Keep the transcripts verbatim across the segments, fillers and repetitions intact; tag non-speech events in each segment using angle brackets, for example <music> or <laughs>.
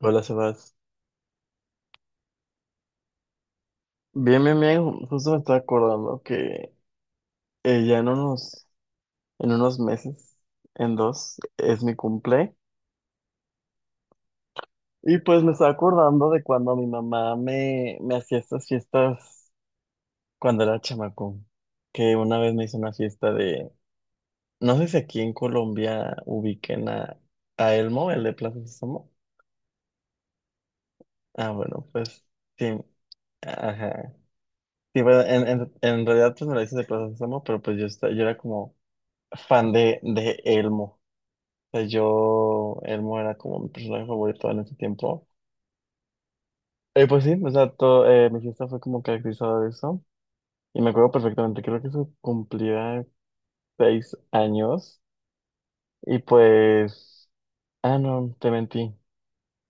Hola, Sebas. Bien, bien, bien. ju- Justo me estaba acordando que eh, ya en unos, en unos meses, en dos, es mi cumple. Y pues me estaba acordando de cuando mi mamá me, me hacía estas fiestas cuando era chamaco. Que una vez me hizo una fiesta de. No sé si aquí en Colombia ubiquen a, a Elmo, el de Plaza Sésamo. Ah, bueno, pues sí. Ajá. Sí, bueno, en, en, en realidad pues me la hizo de Plaza Sésamo, pero pues yo, esta- yo era como. Fan de, de Elmo. O sea, yo, Elmo era como mi personaje favorito en ese tiempo. Eh, pues sí, o sea, todo, eh, mi fiesta fue como caracterizada de eso. Y me acuerdo perfectamente, creo que eso cumplía seis años. Y pues, ah, no, te mentí,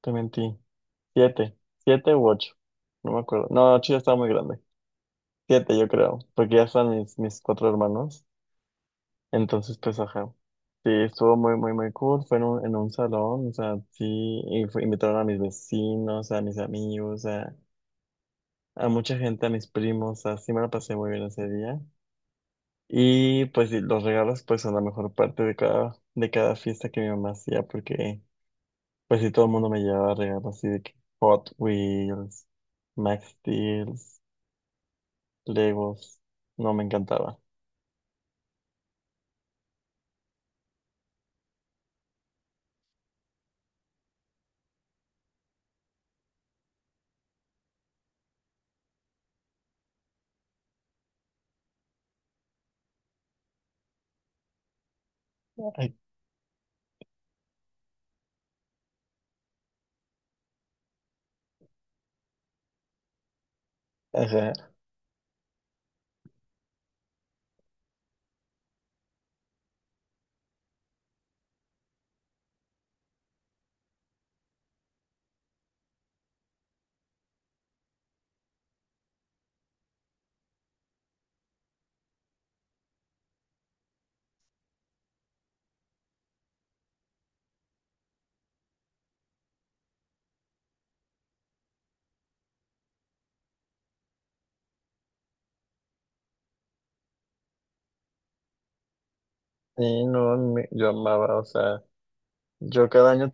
te mentí. Siete, siete u ocho, no me acuerdo. No, ocho ya estaba muy grande. Siete, yo creo, porque ya están mis, mis cuatro hermanos. Entonces, pues, ajá. Sí, estuvo muy, muy, muy cool. Fue en un, en un salón, o sea, sí, y fue- invitaron a mis vecinos, a mis amigos, a, a mucha gente, a mis primos, así me la pasé muy bien ese día. Y pues sí, los regalos, pues, son la mejor parte de cada, de cada fiesta que mi mamá hacía, porque, pues, sí, todo el mundo me llevaba regalos, así de que Hot Wheels, Max Steel, Legos, no, me encantaba. Ay. Ajá. Y no, me- yo amaba, o sea, yo cada año,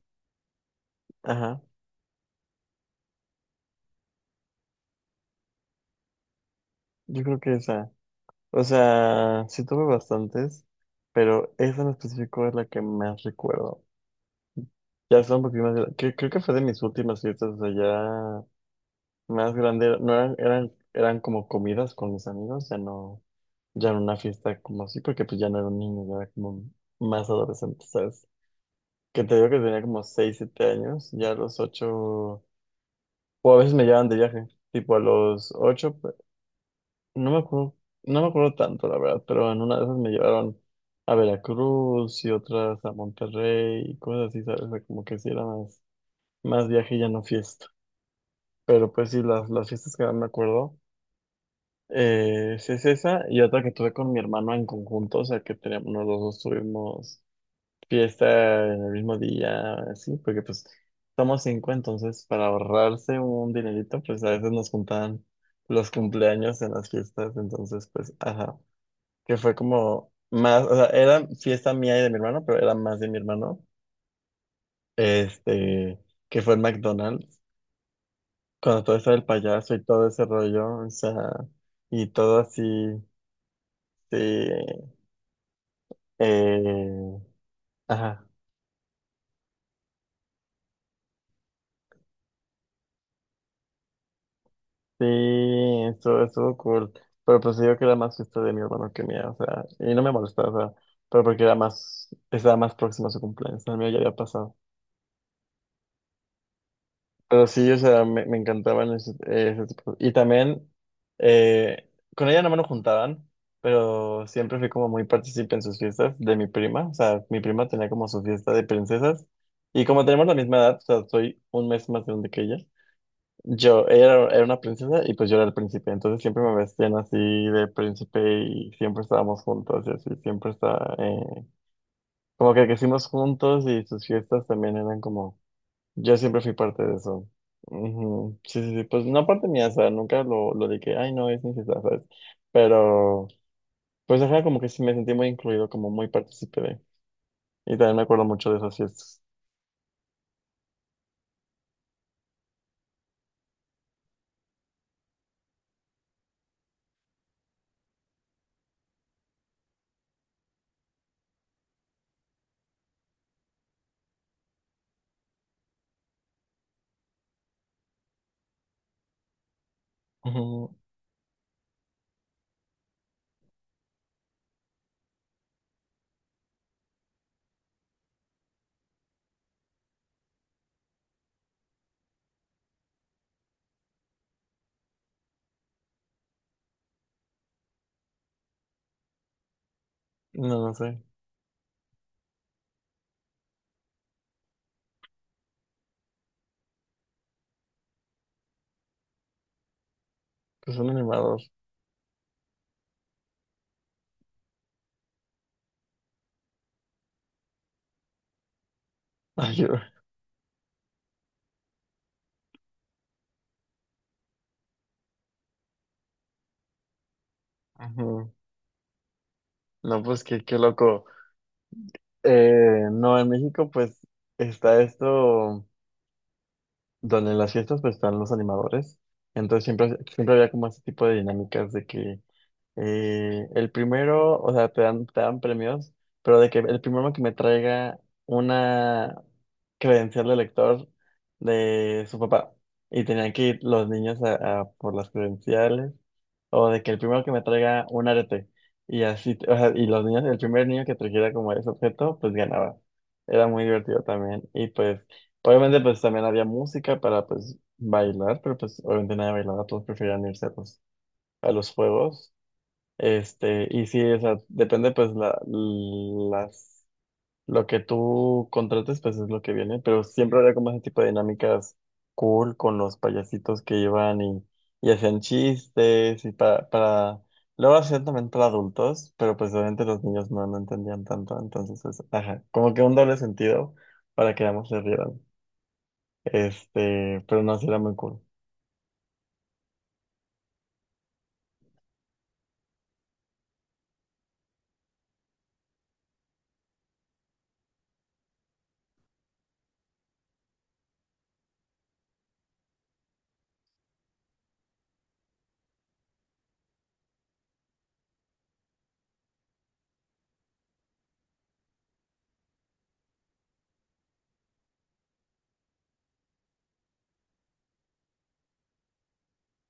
ajá. Yo creo que esa. O sea, sí tuve bastantes, pero esa en específico es la que más recuerdo. Ya son un poquito más gra- Creo, creo que fue de mis últimas fiestas, o sea, ya más grande. No eran, eran, eran como comidas con mis amigos, ya no, ya era una fiesta como así, porque pues ya no era un niño, ya era como más adolescente, ¿sabes? Que te digo que tenía como seis siete años, ya a los ocho o a veces me llevaban de viaje, tipo a los ocho. No me acuerdo, no me acuerdo tanto, la verdad, pero en una de esas me llevaron a Veracruz y otras a Monterrey y cosas así, ¿sabes? O sea, como que sí era más, más viaje y ya no fiesta. Pero pues sí, las, las fiestas que más me acuerdo eh, sí es esa y otra que tuve con mi hermano en conjunto, o sea, que teníamos, los dos tuvimos fiesta en el mismo día, así, porque pues somos cinco, entonces para ahorrarse un dinerito, pues a veces nos juntaban los cumpleaños en las fiestas, entonces pues, ajá, que fue como más, o sea, era fiesta mía y de mi hermano, pero era más de mi hermano, este, que fue en McDonald's, cuando todo eso del payaso y todo ese rollo, o sea, y todo así, sí, eh, ajá, sí, estuvo, estuvo cool, pero pues digo que era más fiesta de mi hermano que mía, o sea, y no me molestaba, o sea, pero porque era más, estaba más próximo a su cumpleaños, el mío ya había pasado. Pero sí, o sea, me, me encantaban ese, eh, ese tipo. Y también, eh, con ella no me lo juntaban, pero siempre fui como muy partícipe en sus fiestas de mi prima. O sea, mi prima tenía como su fiesta de princesas. Y como tenemos la misma edad, o sea, soy un mes más grande que ella. Yo, ella era, era una princesa y pues yo era el príncipe. Entonces siempre me vestían así de príncipe y siempre estábamos juntos y así, siempre está, eh, como que crecimos juntos y sus fiestas también eran como yo siempre fui parte de eso. Ujú. Sí, sí, sí, pues no parte mía, o sea, nunca lo, lo de que, ay, no, es necesario, ¿sabes? Pero, pues ajá, como que sí me sentí muy incluido, como muy partícipe de. Y también me acuerdo mucho de esas fiestas. Ujú. No, no sé, pues un animador. Ayuda. <laughs> Ujú. No, pues qué, qué loco. Eh, no, en México, pues está esto, donde en las fiestas, pues están los animadores. Entonces siempre, siempre había como ese tipo de dinámicas de que. Eh, el primero, o sea, te dan, te dan premios, pero de que el primero que me traiga una credencial de lector de su papá y tenían que ir los niños a, a por las credenciales, o de que el primero que me traiga un arete y así, o sea, y los niños, el primer niño que trajera como ese objeto, pues ganaba. Era muy divertido también y pues obviamente pues también había música para pues bailar, pero pues obviamente nadie bailaba, todos preferían irse pues a los juegos. Este, y sí, o sea, depende pues la, las, lo que tú contrates, pues es lo que viene, pero siempre había como ese tipo de dinámicas cool con los payasitos que iban y, y hacían chistes y para, para, luego hacían también para adultos, pero pues obviamente los niños no, no entendían tanto, entonces, pues, ajá, como que un doble sentido para que ambos se rieran, este, pero no, sí era muy cool.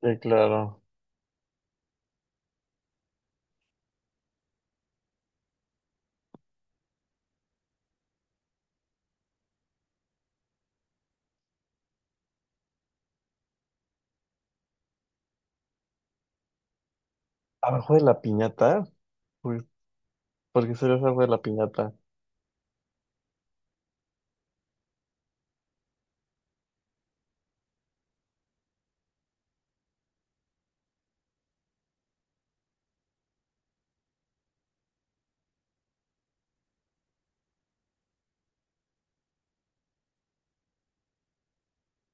Sí, claro. Abajo de la piñata, pues, ¿por qué sería abajo de la piñata?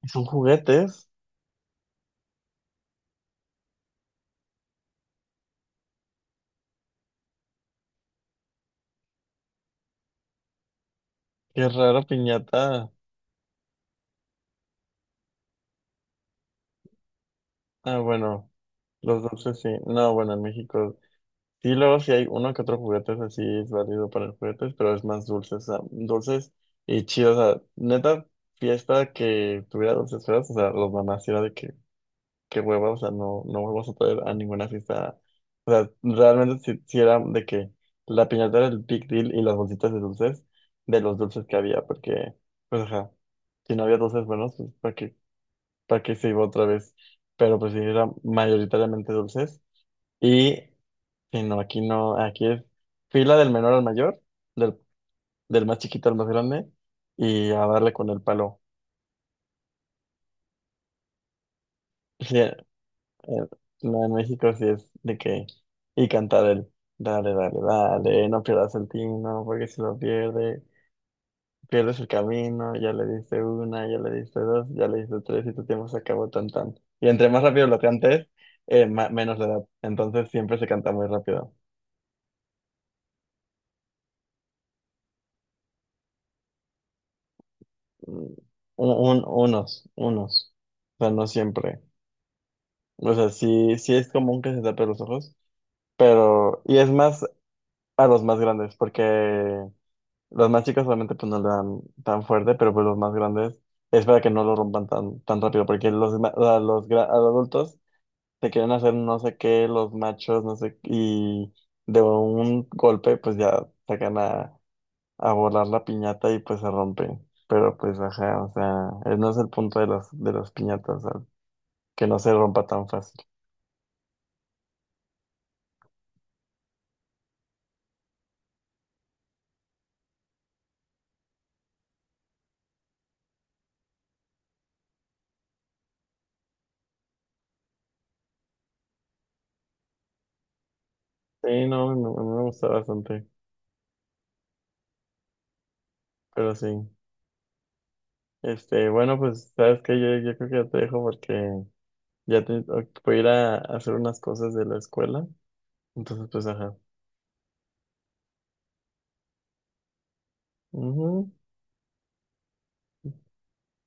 Son juguetes. Qué raro, piñata. Ah, bueno, los dulces sí. No, bueno, en México sí, luego sí hay uno que otro juguetes así es válido para los juguetes, pero es más dulces, o sea, dulces y chidos. O sea, neta, fiesta que tuviera dulces feos, o sea, los mamás sí era de que, qué hueva, o sea, no, no vuelvas a traer a ninguna fiesta. O sea, realmente sí, sí era de que la piñata era el big deal y las bolsitas de dulces, de los dulces que había, porque, pues, ajá, si no había dulces buenos, pues, ¿para qué? Para que se iba otra vez. Pero pues sí, era mayoritariamente dulces. Y sí, no, aquí no, aquí es fila del menor al mayor, del, del más chiquito al más grande, y a darle con el palo. <laughs> Sí, eh, no, en México sí es de que, y cantar el, dale, dale, dale, no pierdas el tino, porque si lo pierdes. Pierdes el camino, ya le diste una, ya le diste dos, ya le diste tres y tu tiempo se acabó tan tan. Y entre más rápido lo cantes, eh, ma- menos le da. Entonces siempre se canta muy rápido. Mm, un- un- unos, unos. O sea, no siempre. O sea, sí, sí es común que se tape los ojos, pero... Y es más a los más grandes, porque los más chicos solamente pues no le dan tan fuerte, pero pues los más grandes es para que no lo rompan tan, tan rápido, porque los, ma- a los, gra- a los adultos... te quieren hacer no sé qué, los machos, no sé, y de un golpe pues ya sacan a, a volar la piñata y pues se rompe. Pero pues ajá, o sea, eh, no es el punto de las, de las piñatas, o sea, que no se rompa tan fácil. Sí, no, me a me gusta bastante, pero sí. Este, bueno, pues, ¿sabes qué? Yo, yo creo que ya te dejo porque ya te, voy a ir a hacer unas cosas de la escuela. Entonces, pues, ajá. Ujú.